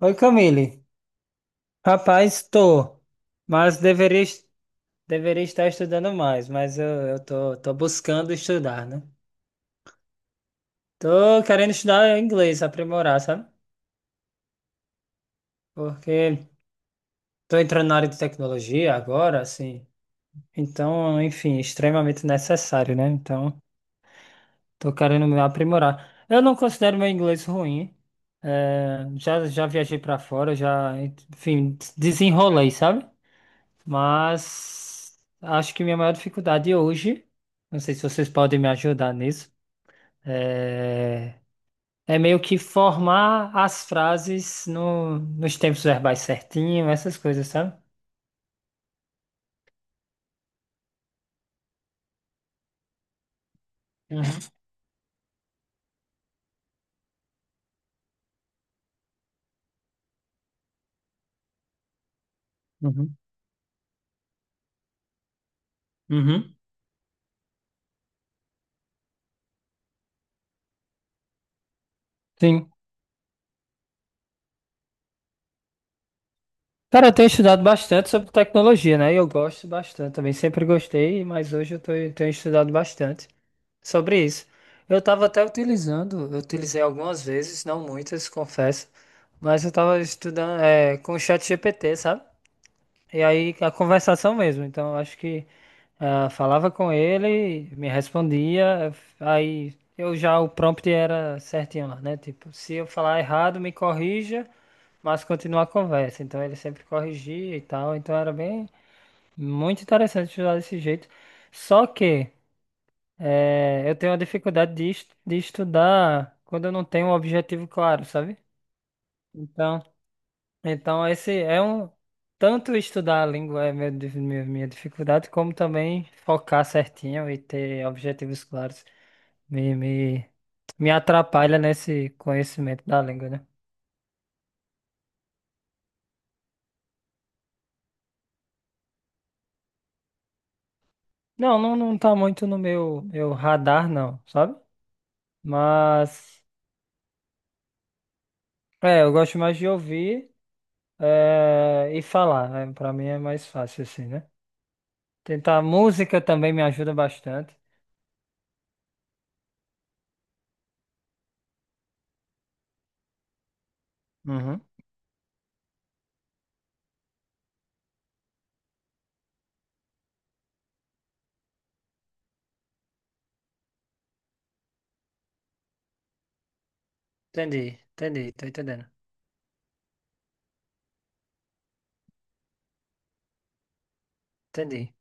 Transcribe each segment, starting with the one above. Oi, Camille. Rapaz, tô, mas deveria, deveria estar estudando mais, mas eu tô, tô buscando estudar, né? Tô querendo estudar inglês, aprimorar, sabe? Porque tô entrando na área de tecnologia agora, assim. Então, enfim, extremamente necessário, né? Então, tô querendo me aprimorar. Eu não considero meu inglês ruim. É, já, já viajei para fora, já, enfim, desenrolei, sabe? Mas acho que minha maior dificuldade hoje, não sei se vocês podem me ajudar nisso, é, é meio que formar as frases no... nos tempos verbais certinho, essas coisas, sabe? Uhum, uhum, uhum. Sim. Cara, eu tenho estudado bastante sobre tecnologia, né? E eu gosto bastante também, sempre gostei, mas hoje eu tenho estudado bastante sobre isso. Eu estava até utilizando, eu utilizei algumas vezes, não muitas, confesso, mas eu estava estudando é, com o ChatGPT, sabe? E aí a conversação mesmo. Então eu acho que ah, falava com ele, me respondia, aí eu já o prompt era certinho lá, né? Tipo, se eu falar errado, me corrija, mas continua a conversa. Então ele sempre corrigia e tal. Então era bem muito interessante estudar desse jeito. Só que eu tenho uma dificuldade de, de estudar quando eu não tenho um objetivo claro, sabe? Então então, esse é um. Tanto estudar a língua é meu, minha dificuldade, como também focar certinho e ter objetivos claros me, me, me atrapalha nesse conhecimento da língua, né? Não, não, não tá muito no meu, meu radar, não, sabe? Mas, é, eu gosto mais de ouvir é, e falar, né? Pra mim é mais fácil assim, né? Tentar música também me ajuda bastante. Uhum. Entendi, entendi, tô entendendo. Entendi.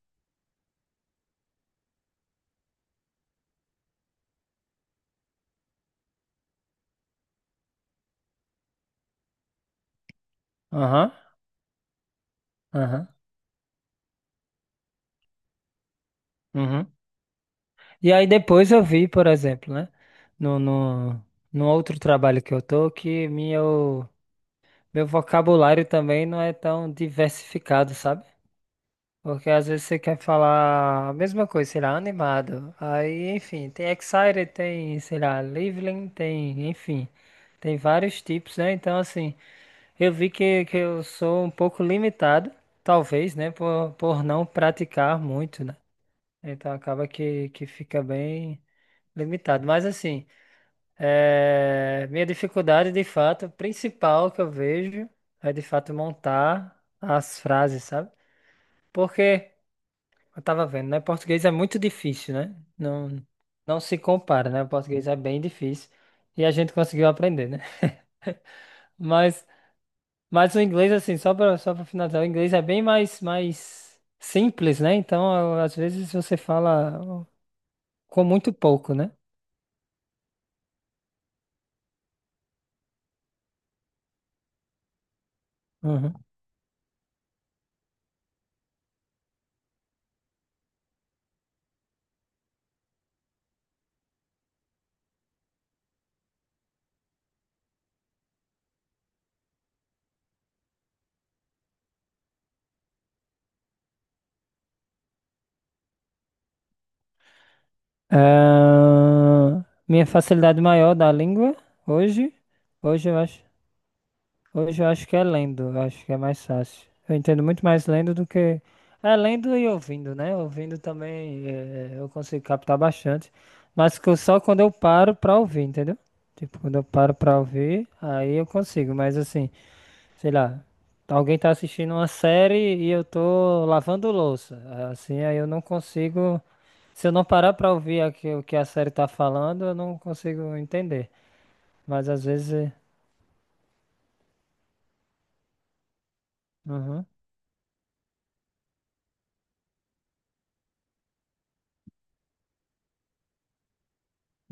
Aham, aham. Uhum. E aí depois eu vi, por exemplo, né? No, no, no outro trabalho que eu tô, que meu vocabulário também não é tão diversificado, sabe? Porque às vezes você quer falar a mesma coisa, sei lá, animado. Aí, enfim, tem excited, tem, sei lá, lively, tem, enfim, tem vários tipos, né? Então, assim, eu vi que eu sou um pouco limitado, talvez, né? Por não praticar muito, né? Então acaba que fica bem. Limitado. Mas assim, é, minha dificuldade de fato, principal que eu vejo é de fato montar as frases, sabe? Porque eu tava vendo, né? Português é muito difícil, né? Não, não se compara, né? O português é bem difícil e a gente conseguiu aprender, né? Mas, mas o inglês, assim, só para finalizar, o inglês é bem mais, mais simples, né? Então, às vezes você fala com muito pouco, né? Uhum. Ah, minha facilidade maior da língua hoje, hoje eu acho, hoje eu acho que é lendo, eu acho que é mais fácil. Eu entendo muito mais lendo do que é lendo e ouvindo, né? Ouvindo também eu consigo captar bastante, mas que eu só quando eu paro pra ouvir, entendeu? Tipo, quando eu paro pra ouvir, aí eu consigo, mas assim, sei lá, alguém tá assistindo uma série e eu tô lavando louça, assim, aí eu não consigo se eu não parar pra ouvir aqui o que a série tá falando, eu não consigo entender. Mas às vezes. Uhum,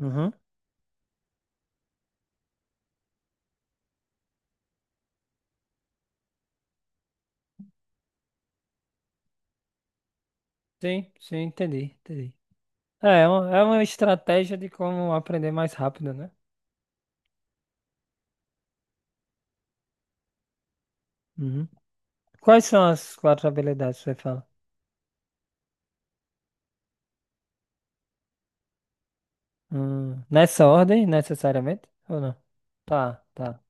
uhum. Sim, sim, entendi, entendi. É uma estratégia de como aprender mais rápido, né? Uhum. Quais são as quatro habilidades que você fala? Nessa ordem, necessariamente? Ou não? Tá, tá.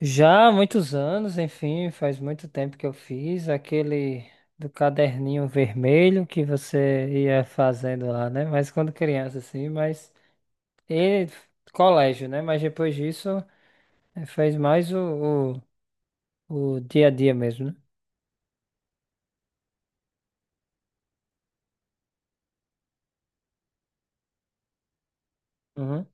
Já há muitos anos, enfim, faz muito tempo que eu fiz aquele do caderninho vermelho que você ia fazendo lá, né? Mas quando criança, assim, mas. E colégio, né? Mas depois disso fez mais o, o dia a dia mesmo, né? Uhum,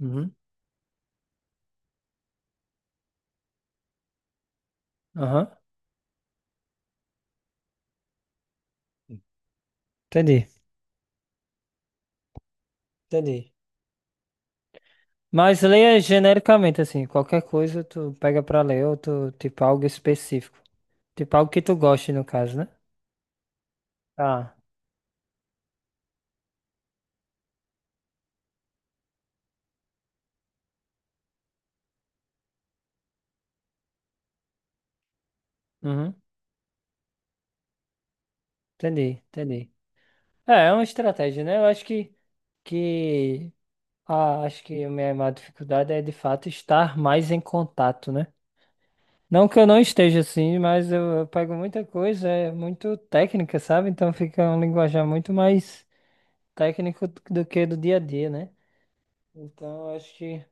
uhum, aham. Entendi, entendi. Mas leia genericamente, assim, qualquer coisa tu pega pra ler ou tu, tipo, algo específico. Tipo, algo que tu goste, no caso, né? Ah, uhum, entendi, entendi. É, é uma estratégia, né? Eu acho que, ah, acho que a minha maior dificuldade é, de fato, estar mais em contato, né? Não que eu não esteja assim, mas eu pego muita coisa, é muito técnica, sabe? Então fica um linguajar muito mais técnico do que do dia a dia, né? Então eu acho que.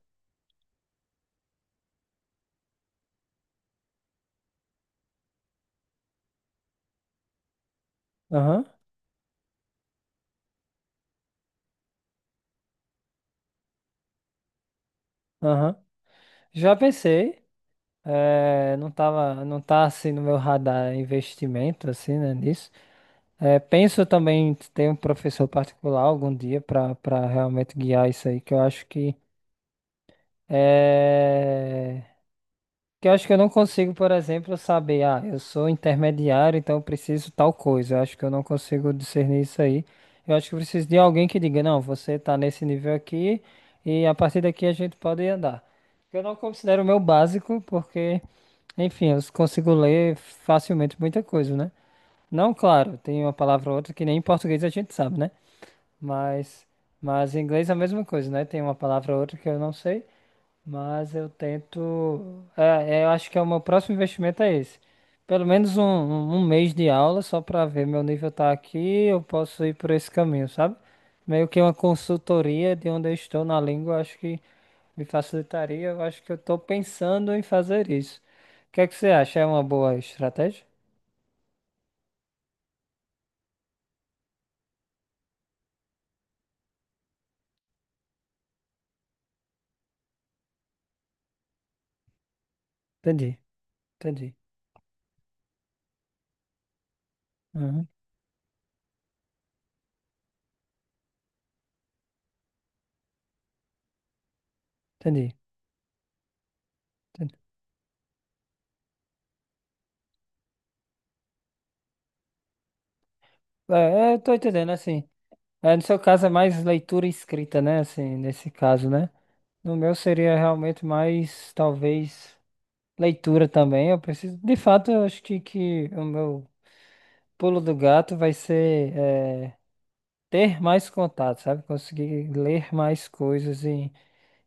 Aham, aham. Já pensei, não tava, não tá assim no meu radar investimento, assim, né, nisso. Penso também em ter um professor particular algum dia para realmente guiar isso aí, que eu acho que. eh, Que eu acho que eu não consigo, por exemplo, saber, ah, eu sou intermediário, então eu preciso tal coisa. Eu acho que eu não consigo discernir isso aí. Eu acho que eu preciso de alguém que diga, não, você tá nesse nível aqui e a partir daqui a gente pode andar. Eu não considero o meu básico, porque, enfim, eu consigo ler facilmente muita coisa, né? Não, claro, tem uma palavra ou outra que nem em português a gente sabe, né? Mas, mas em inglês é a mesma coisa, né? Tem uma palavra ou outra que eu não sei. Mas eu tento. É, é, eu acho que é o meu próximo investimento é esse. Pelo menos um mês de aula, só para ver meu nível tá aqui, eu posso ir por esse caminho, sabe? Meio que uma consultoria de onde eu estou na língua, eu acho que me facilitaria. Eu acho que eu estou pensando em fazer isso. O que é que você acha? É uma boa estratégia? Entendi, entendi. Uhum, entendi. Entendi. É, é, eu tô entendendo, assim. É, no seu caso é mais leitura e escrita, né? Assim, nesse caso, né? No meu seria realmente mais, talvez, leitura também. Eu preciso, de fato, eu acho que o meu pulo do gato vai ser ter mais contato, sabe? Conseguir ler mais coisas em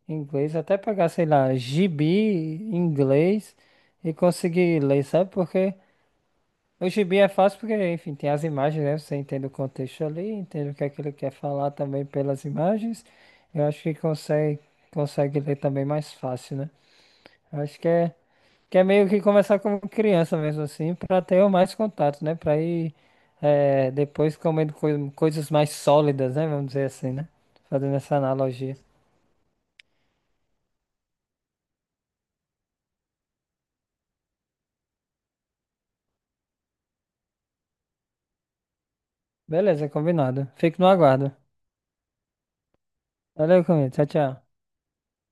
inglês, até pegar, sei lá, gibi em inglês e conseguir ler, sabe? Porque o gibi é fácil porque, enfim, tem as imagens, né? Você entende o contexto ali, entende o que é que ele quer falar também pelas imagens. Eu acho que consegue, consegue ler também mais fácil, né? Acho que é Que é meio que começar como criança mesmo assim, para ter mais contato, né? Para ir depois comendo coisas mais sólidas, né? Vamos dizer assim, né? Fazendo essa analogia. Beleza, combinado. Fico no aguardo. Valeu, comigo. Tchau, tchau.